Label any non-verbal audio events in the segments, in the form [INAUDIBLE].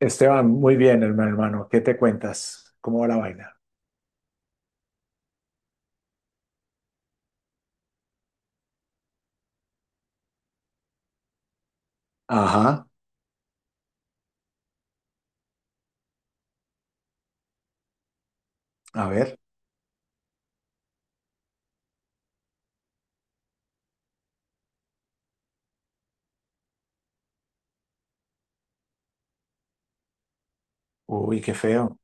Esteban, muy bien, hermano. ¿Qué te cuentas? ¿Cómo va la vaina? Ajá, a ver. Uy, qué feo.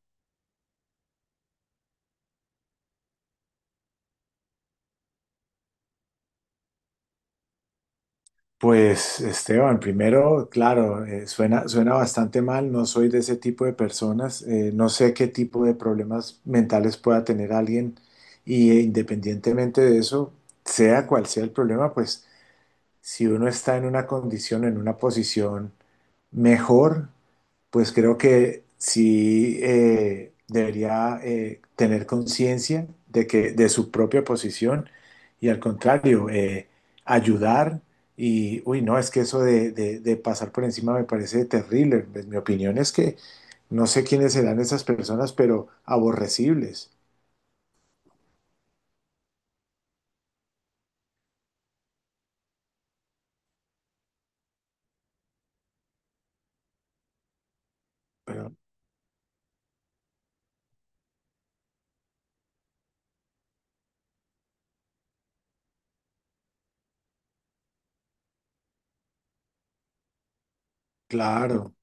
Pues, Esteban, primero, claro, suena bastante mal. No soy de ese tipo de personas. Eh, no sé qué tipo de problemas mentales pueda tener alguien. Y independientemente de eso, sea cual sea el problema, pues si uno está en una condición, en una posición mejor, pues creo que sí debería tener conciencia de que de su propia posición y, al contrario, ayudar. Y uy, no, es que eso de, de pasar por encima me parece terrible. Pues mi opinión es que no sé quiénes serán esas personas, pero aborrecibles. Pero claro.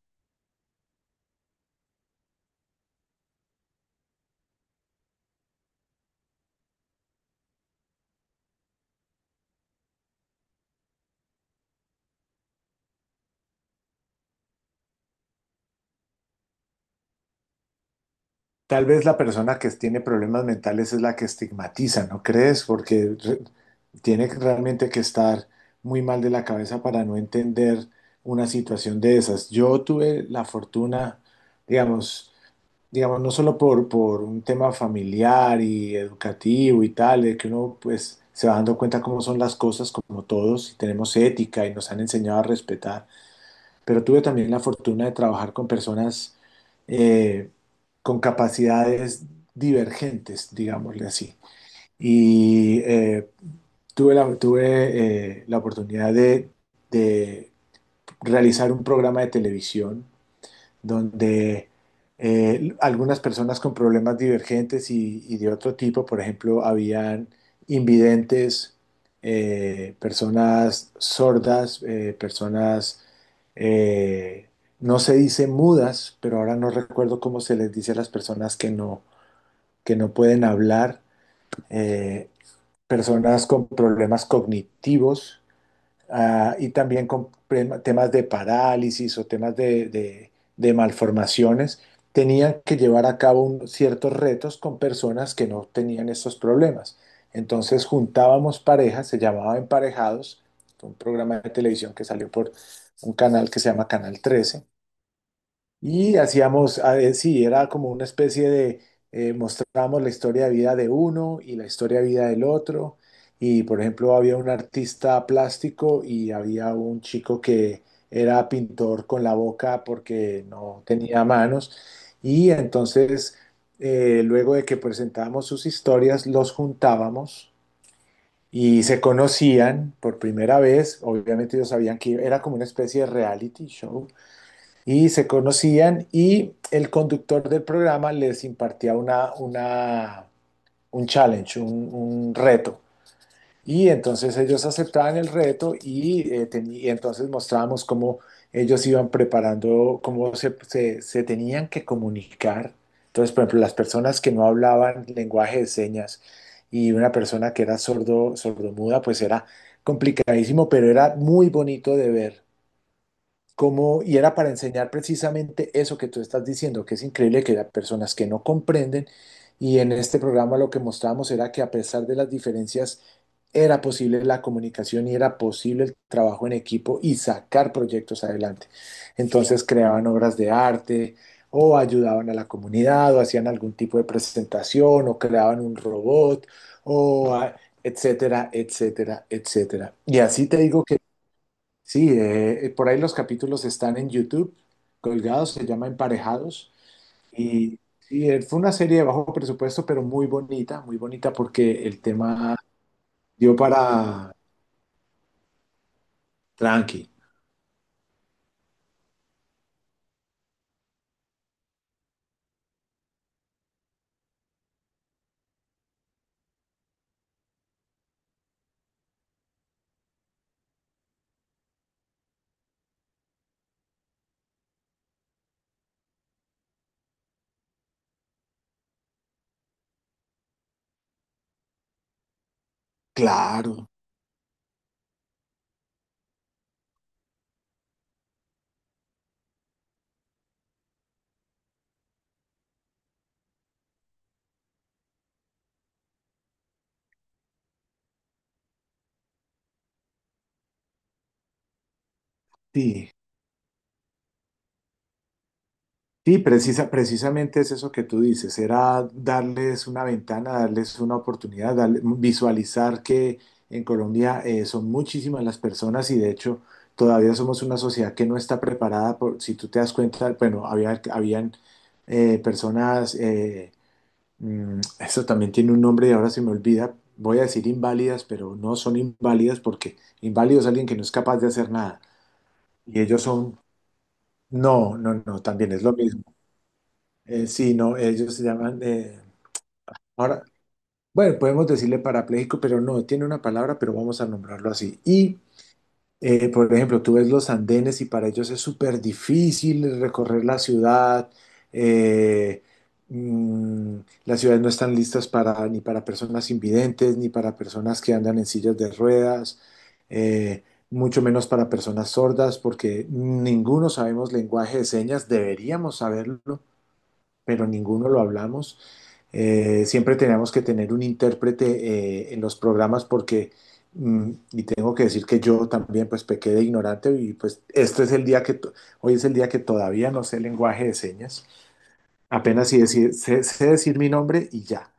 Tal vez la persona que tiene problemas mentales es la que estigmatiza, ¿no crees? Porque realmente que estar muy mal de la cabeza para no entender una situación de esas. Yo tuve la fortuna, digamos, digamos, no solo por un tema familiar y educativo y tal, de que uno pues se va dando cuenta cómo son las cosas, como todos, y tenemos ética y nos han enseñado a respetar, pero tuve también la fortuna de trabajar con personas eh, con capacidades divergentes, digámosle así. Y tuve la oportunidad de realizar un programa de televisión donde algunas personas con problemas divergentes y de otro tipo, por ejemplo, habían invidentes, personas sordas, eh, personas, eh, no se dice mudas, pero ahora no recuerdo cómo se les dice a las personas que que no pueden hablar, eh, personas con problemas cognitivos, ah, y también con temas de parálisis o temas de malformaciones, tenían que llevar a cabo ciertos retos con personas que no tenían estos problemas. Entonces juntábamos parejas, se llamaba Emparejados, un programa de televisión que salió por un canal que se llama Canal 13. Y hacíamos, a ver, sí, era como una especie de, mostrábamos la historia de vida de uno y la historia de vida del otro. Y por ejemplo, había un artista plástico y había un chico que era pintor con la boca porque no tenía manos. Y entonces, luego de que presentábamos sus historias, los juntábamos y se conocían por primera vez. Obviamente ellos sabían que era como una especie de reality show, y se conocían y el conductor del programa les impartía un challenge, un reto. Y entonces ellos aceptaban el reto y, y entonces mostrábamos cómo ellos iban preparando, cómo se tenían que comunicar. Entonces, por ejemplo, las personas que no hablaban lenguaje de señas y una persona que era sordo, sordomuda, pues era complicadísimo, pero era muy bonito de ver, como, y era para enseñar precisamente eso que tú estás diciendo, que es increíble que hay personas que no comprenden, y en este programa lo que mostrábamos era que, a pesar de las diferencias, era posible la comunicación y era posible el trabajo en equipo y sacar proyectos adelante. Entonces creaban obras de arte o ayudaban a la comunidad o hacían algún tipo de presentación o creaban un robot o etcétera, etcétera, etcétera. Y así te digo que sí. Eh, por ahí los capítulos están en YouTube, colgados, se llama Emparejados. Y, y, fue una serie de bajo presupuesto, pero muy bonita porque el tema dio para tranqui. Claro, sí. Sí, precisamente es eso que tú dices, era darles una ventana, darles una oportunidad, visualizar que en Colombia son muchísimas las personas y de hecho todavía somos una sociedad que no está preparada por, si tú te das cuenta, bueno, habían eh, personas, eso también tiene un nombre y ahora se me olvida, voy a decir inválidas, pero no son inválidas porque inválido es alguien que no es capaz de hacer nada, y ellos son, no, no, no, también es lo mismo. Sí, no, ellos se llaman. Eh, ahora, bueno, podemos decirle parapléjico, pero no, tiene una palabra, pero vamos a nombrarlo así. Y, por ejemplo, tú ves los andenes y para ellos es súper difícil recorrer la ciudad. eh, mm, las ciudades no están listas para, ni para personas invidentes, ni para personas que andan en sillas de ruedas, eh, mucho menos para personas sordas, porque ninguno sabemos lenguaje de señas, deberíamos saberlo, pero ninguno lo hablamos. Siempre teníamos que tener un intérprete en los programas porque, y tengo que decir que yo también pues pequé de ignorante y pues este es el día que, hoy es el día que todavía no sé lenguaje de señas, apenas sí sé, sé decir mi nombre y ya.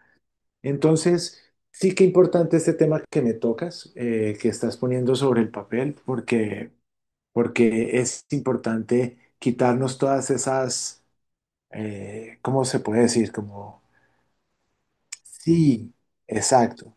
Entonces, sí que importante este tema que me tocas, que estás poniendo sobre el papel, porque, porque es importante quitarnos todas esas, ¿cómo se puede decir? Como sí, exacto,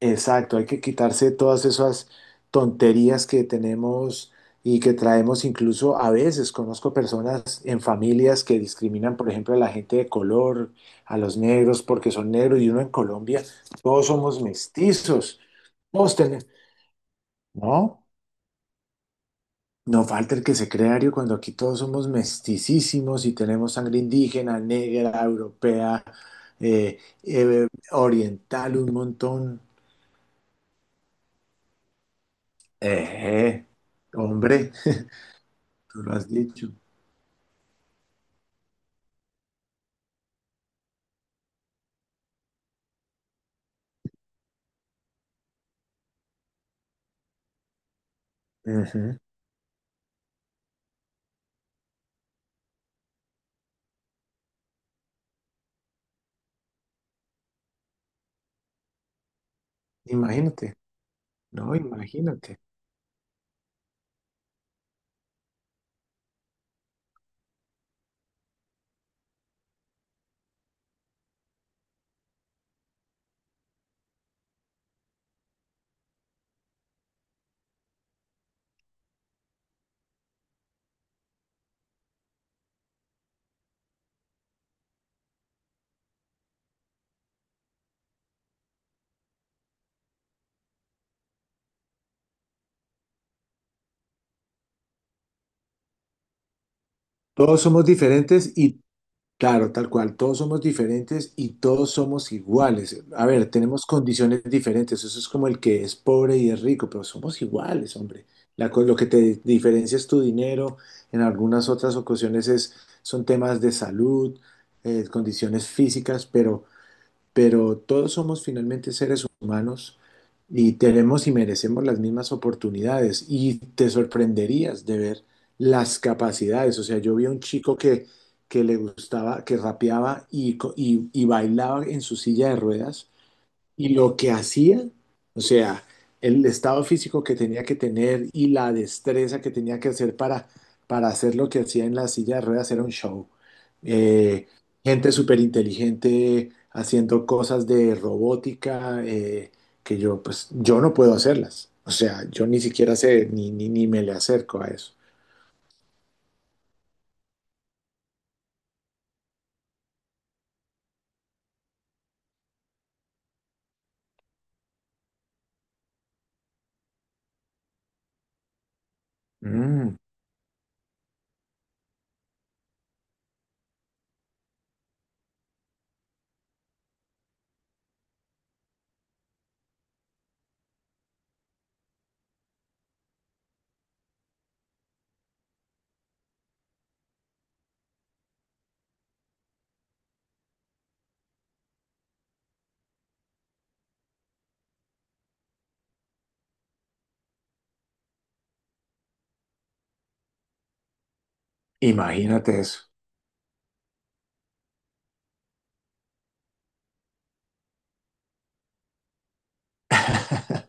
exacto. Hay que quitarse todas esas tonterías que tenemos y que traemos incluso a veces. Conozco personas en familias que discriminan, por ejemplo, a la gente de color, a los negros porque son negros, y uno en Colombia, todos somos mestizos. Todos tenemos, ¿no? No falta el que se crea Ario, cuando aquí todos somos mesticísimos y tenemos sangre indígena, negra, europea, eh, oriental, un montón. Eh, hombre, [LAUGHS] tú lo has dicho. Ujú. Imagínate, no, imagínate. Todos somos diferentes y, claro, tal cual, todos somos diferentes y todos somos iguales. A ver, tenemos condiciones diferentes. Eso es como el que es pobre y es rico, pero somos iguales, hombre. Lo que te diferencia es tu dinero. En algunas otras ocasiones es, son temas de salud, condiciones físicas, pero todos somos finalmente seres humanos y tenemos y merecemos las mismas oportunidades, y te sorprenderías de ver las capacidades. O sea, yo vi a un chico que le gustaba, que rapeaba y, y bailaba en su silla de ruedas y lo que hacía, o sea, el estado físico que tenía que tener y la destreza que tenía que hacer para hacer lo que hacía en la silla de ruedas era un show. Eh, gente súper inteligente haciendo cosas de robótica, que yo, pues, yo no puedo hacerlas. O sea, yo ni siquiera sé, ni, ni, ni me le acerco a eso. Mm, Imagínate eso. [LAUGHS]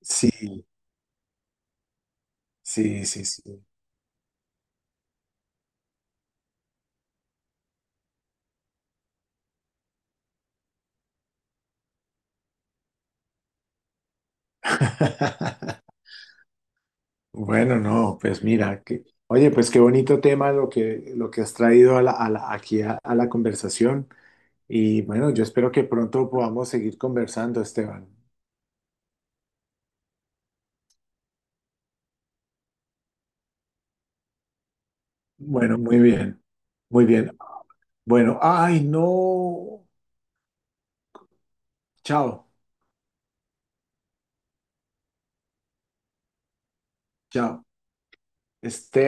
Sí, sí, sí, sí. [LAUGHS] Bueno, no, pues mira, que, oye, pues qué bonito tema lo que has traído a la, aquí a la conversación. Y bueno, yo espero que pronto podamos seguir conversando, Esteban. Bueno, muy bien. Bueno, ay, no, chao, chao. Esteban.